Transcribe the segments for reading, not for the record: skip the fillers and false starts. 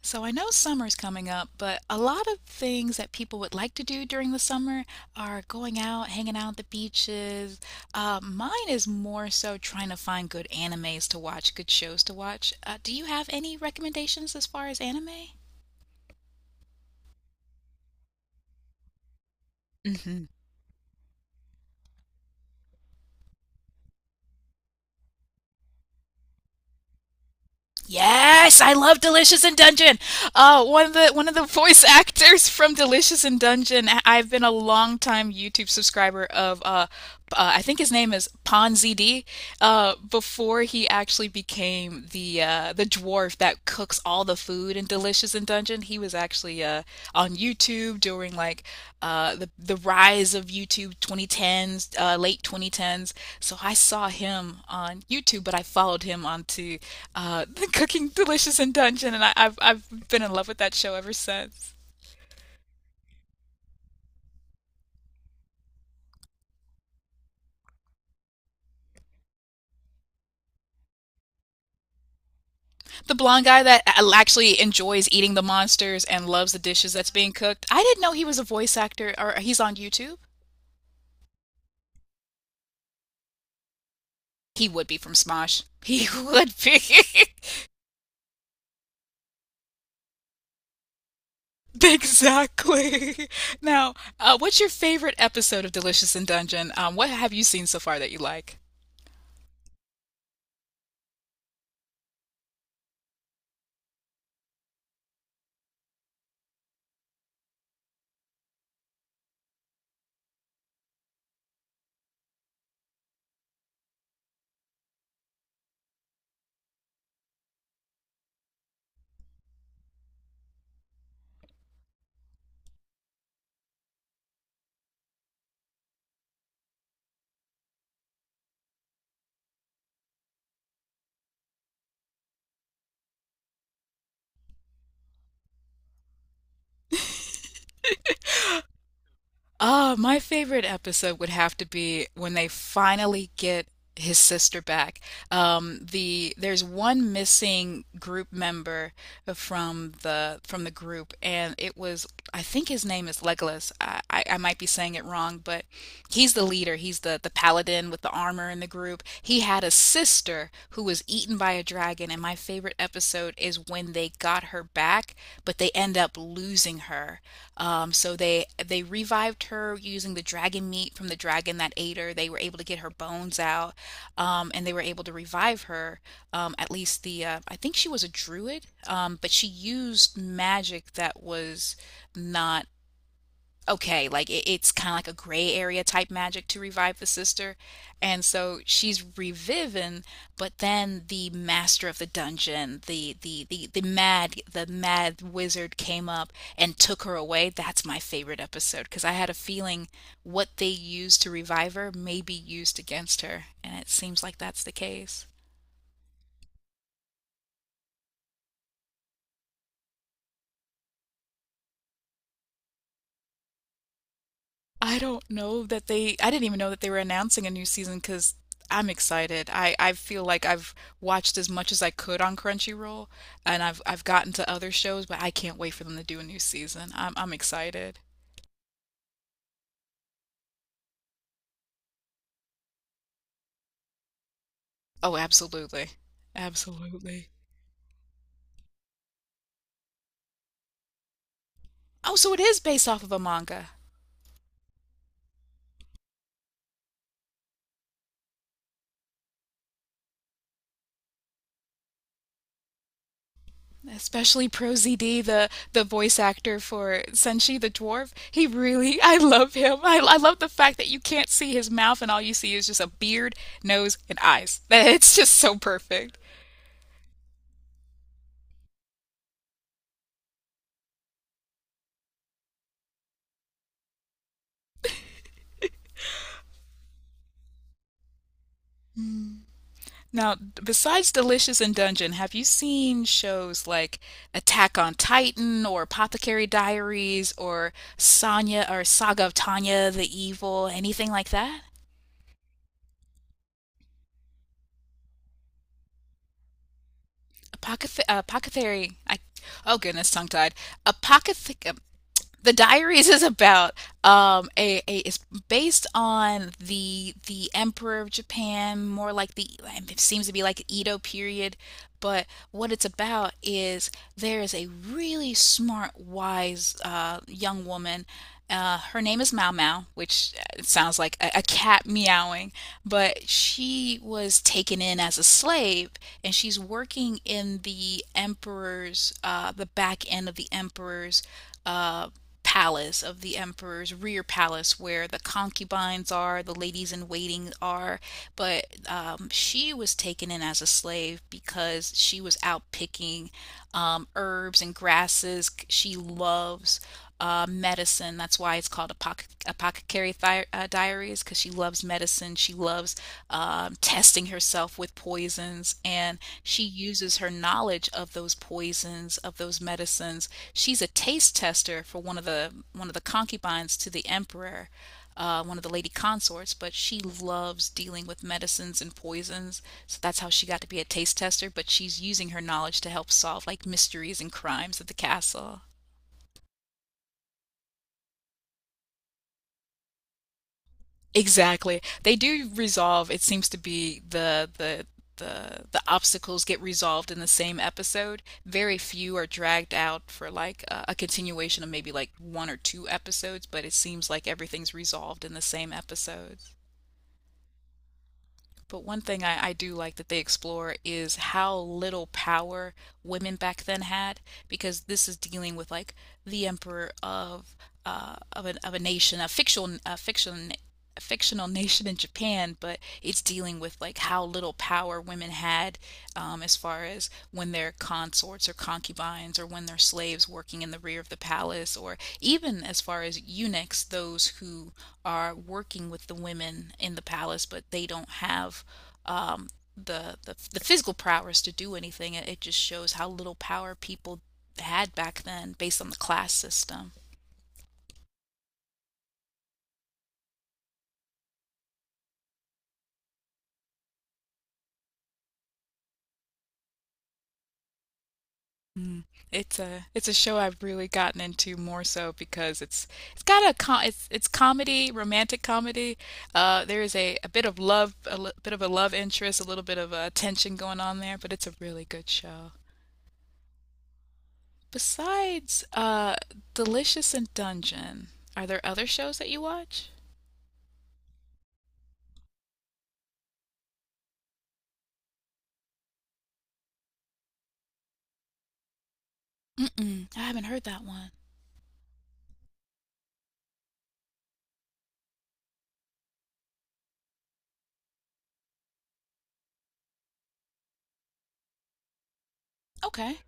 So I know summer's coming up, but a lot of things that people would like to do during the summer are going out, hanging out at the beaches. Mine is more so trying to find good animes to watch, good shows to watch. Do you have any recommendations as far as anime? Hmm. Yes, I love Delicious in Dungeon. One of the voice actors from Delicious in Dungeon I've been a long time YouTube subscriber of. I think his name is Ponzd. Before he actually became the dwarf that cooks all the food in Delicious and Dungeon. He was actually on YouTube during like the rise of YouTube 2010s, late 2010s. So I saw him on YouTube, but I followed him onto the Cooking Delicious and Dungeon, and I've been in love with that show ever since. The blonde guy that actually enjoys eating the monsters and loves the dishes that's being cooked. I didn't know he was a voice actor, or he's on YouTube. He would be from Smosh. He would be. Exactly. Now, what's your favorite episode of Delicious in Dungeon? What have you seen so far that you like? Ah, my favorite episode would have to be when they finally get his sister back. There's one missing group member from the group, and it was, I think his name is Legolas. I might be saying it wrong, but he's the leader. He's the paladin with the armor in the group. He had a sister who was eaten by a dragon, and my favorite episode is when they got her back, but they end up losing her. So they revived her using the dragon meat from the dragon that ate her. They were able to get her bones out, and they were able to revive her. At least the I think she was a druid, but she used magic that was not okay, like it's kind of like a gray area type magic to revive the sister. And so she's reviving, but then the master of the dungeon, the mad wizard came up and took her away. That's my favorite episode because I had a feeling what they used to revive her may be used against her, and it seems like that's the case. I don't know that they, I didn't even know that they were announcing a new season because I'm excited. I feel like I've watched as much as I could on Crunchyroll and I've gotten to other shows, but I can't wait for them to do a new season. I'm excited. Oh, absolutely. Absolutely. Oh, so it is based off of a manga. Especially Pro ZD, the voice actor for Senshi the dwarf. He really, I love him. I love the fact that you can't see his mouth and all you see is just a beard, nose, and eyes. It's just so perfect. Now, besides Delicious and Dungeon, have you seen shows like Attack on Titan or Apothecary Diaries or Sonya or Saga of Tanya the Evil, anything like that? Apothe- Apothecary, I, oh goodness, tongue tied. Apothe- The Diaries is about a is based on the Emperor of Japan, more like the, it seems to be like Edo period, but what it's about is there is a really smart, wise young woman. Her name is Mau Mau, which sounds like a cat meowing, but she was taken in as a slave and she's working in the emperor's, the back end of the emperor's uh, palace, of the emperor's rear palace, where the concubines are, the ladies in waiting are. But she was taken in as a slave because she was out picking herbs and grasses. She loves medicine. That's why it's called Apothecary Diaries, because she loves medicine. She loves testing herself with poisons, and she uses her knowledge of those poisons, of those medicines. She's a taste tester for one of the concubines to the emperor. One of the lady consorts, but she loves dealing with medicines and poisons. So that's how she got to be a taste tester. But she's using her knowledge to help solve like mysteries and crimes at the castle. Exactly. They do resolve, it seems to be the obstacles get resolved in the same episode. Very few are dragged out for like a continuation of maybe like one or two episodes, but it seems like everything's resolved in the same episodes. But one thing I do like that they explore is how little power women back then had, because this is dealing with like the emperor of a nation, a fictional nation in Japan, but it's dealing with like how little power women had as far as when they're consorts or concubines or when they're slaves working in the rear of the palace, or even as far as eunuchs, those who are working with the women in the palace, but they don't have um, the physical prowess to do anything. It just shows how little power people had back then, based on the class system. Mm. It's a show I've really gotten into more so because it's got a com it's comedy, romantic comedy. There is a bit of love, a li- bit of a love interest, a little bit of a tension going on there, but it's a really good show. Besides Delicious and Dungeon, are there other shows that you watch? Mm-mm, I haven't heard that one. Okay.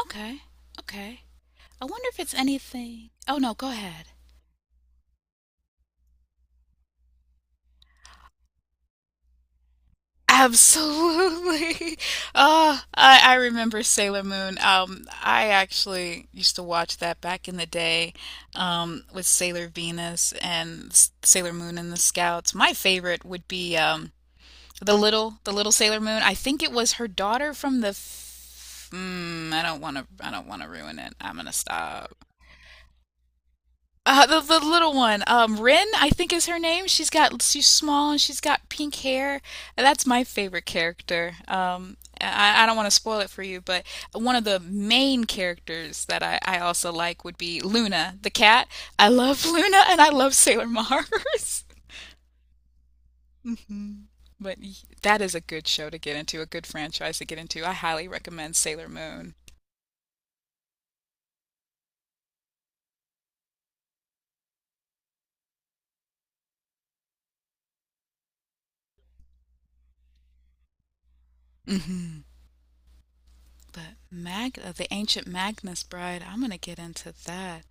Okay. Okay. I wonder if it's anything. Oh no, go ahead. Absolutely. Oh, I remember Sailor Moon. I actually used to watch that back in the day, with Sailor Venus and S- Sailor Moon and the Scouts. My favorite would be um, the little Sailor Moon. I think it was her daughter from the. F- mm, I don't want to. I don't want to ruin it. I'm gonna stop. The little one, Rin, I think is her name. She's small and she's got pink hair. That's my favorite character. I don't want to spoil it for you, but one of the main characters that I also like would be Luna, the cat. I love Luna and I love Sailor Mars. Mm. But y- that is a good show to get into, a good franchise to get into. I highly recommend Sailor Moon. Hmm. The Ancient Magnus Bride, I'm gonna get into that.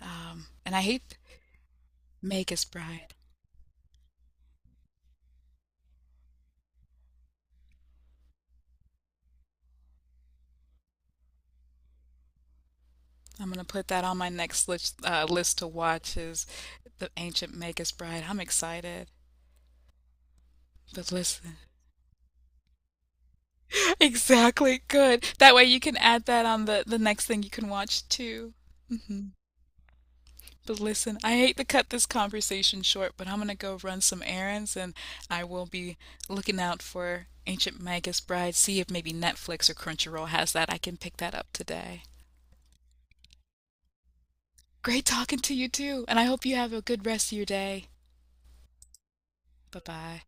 And I hate Magus Bride. I'm gonna put that on my next list, list to watch is the Ancient Magus Bride. I'm excited. But listen, exactly good. That way you can add that on the next thing you can watch too. Mm-hmm. But listen, I hate to cut this conversation short, but I'm gonna go run some errands and I will be looking out for Ancient Magus Bride, see if maybe Netflix or Crunchyroll has that. I can pick that up today. Great talking to you too, and I hope you have a good rest of your day. Bye bye.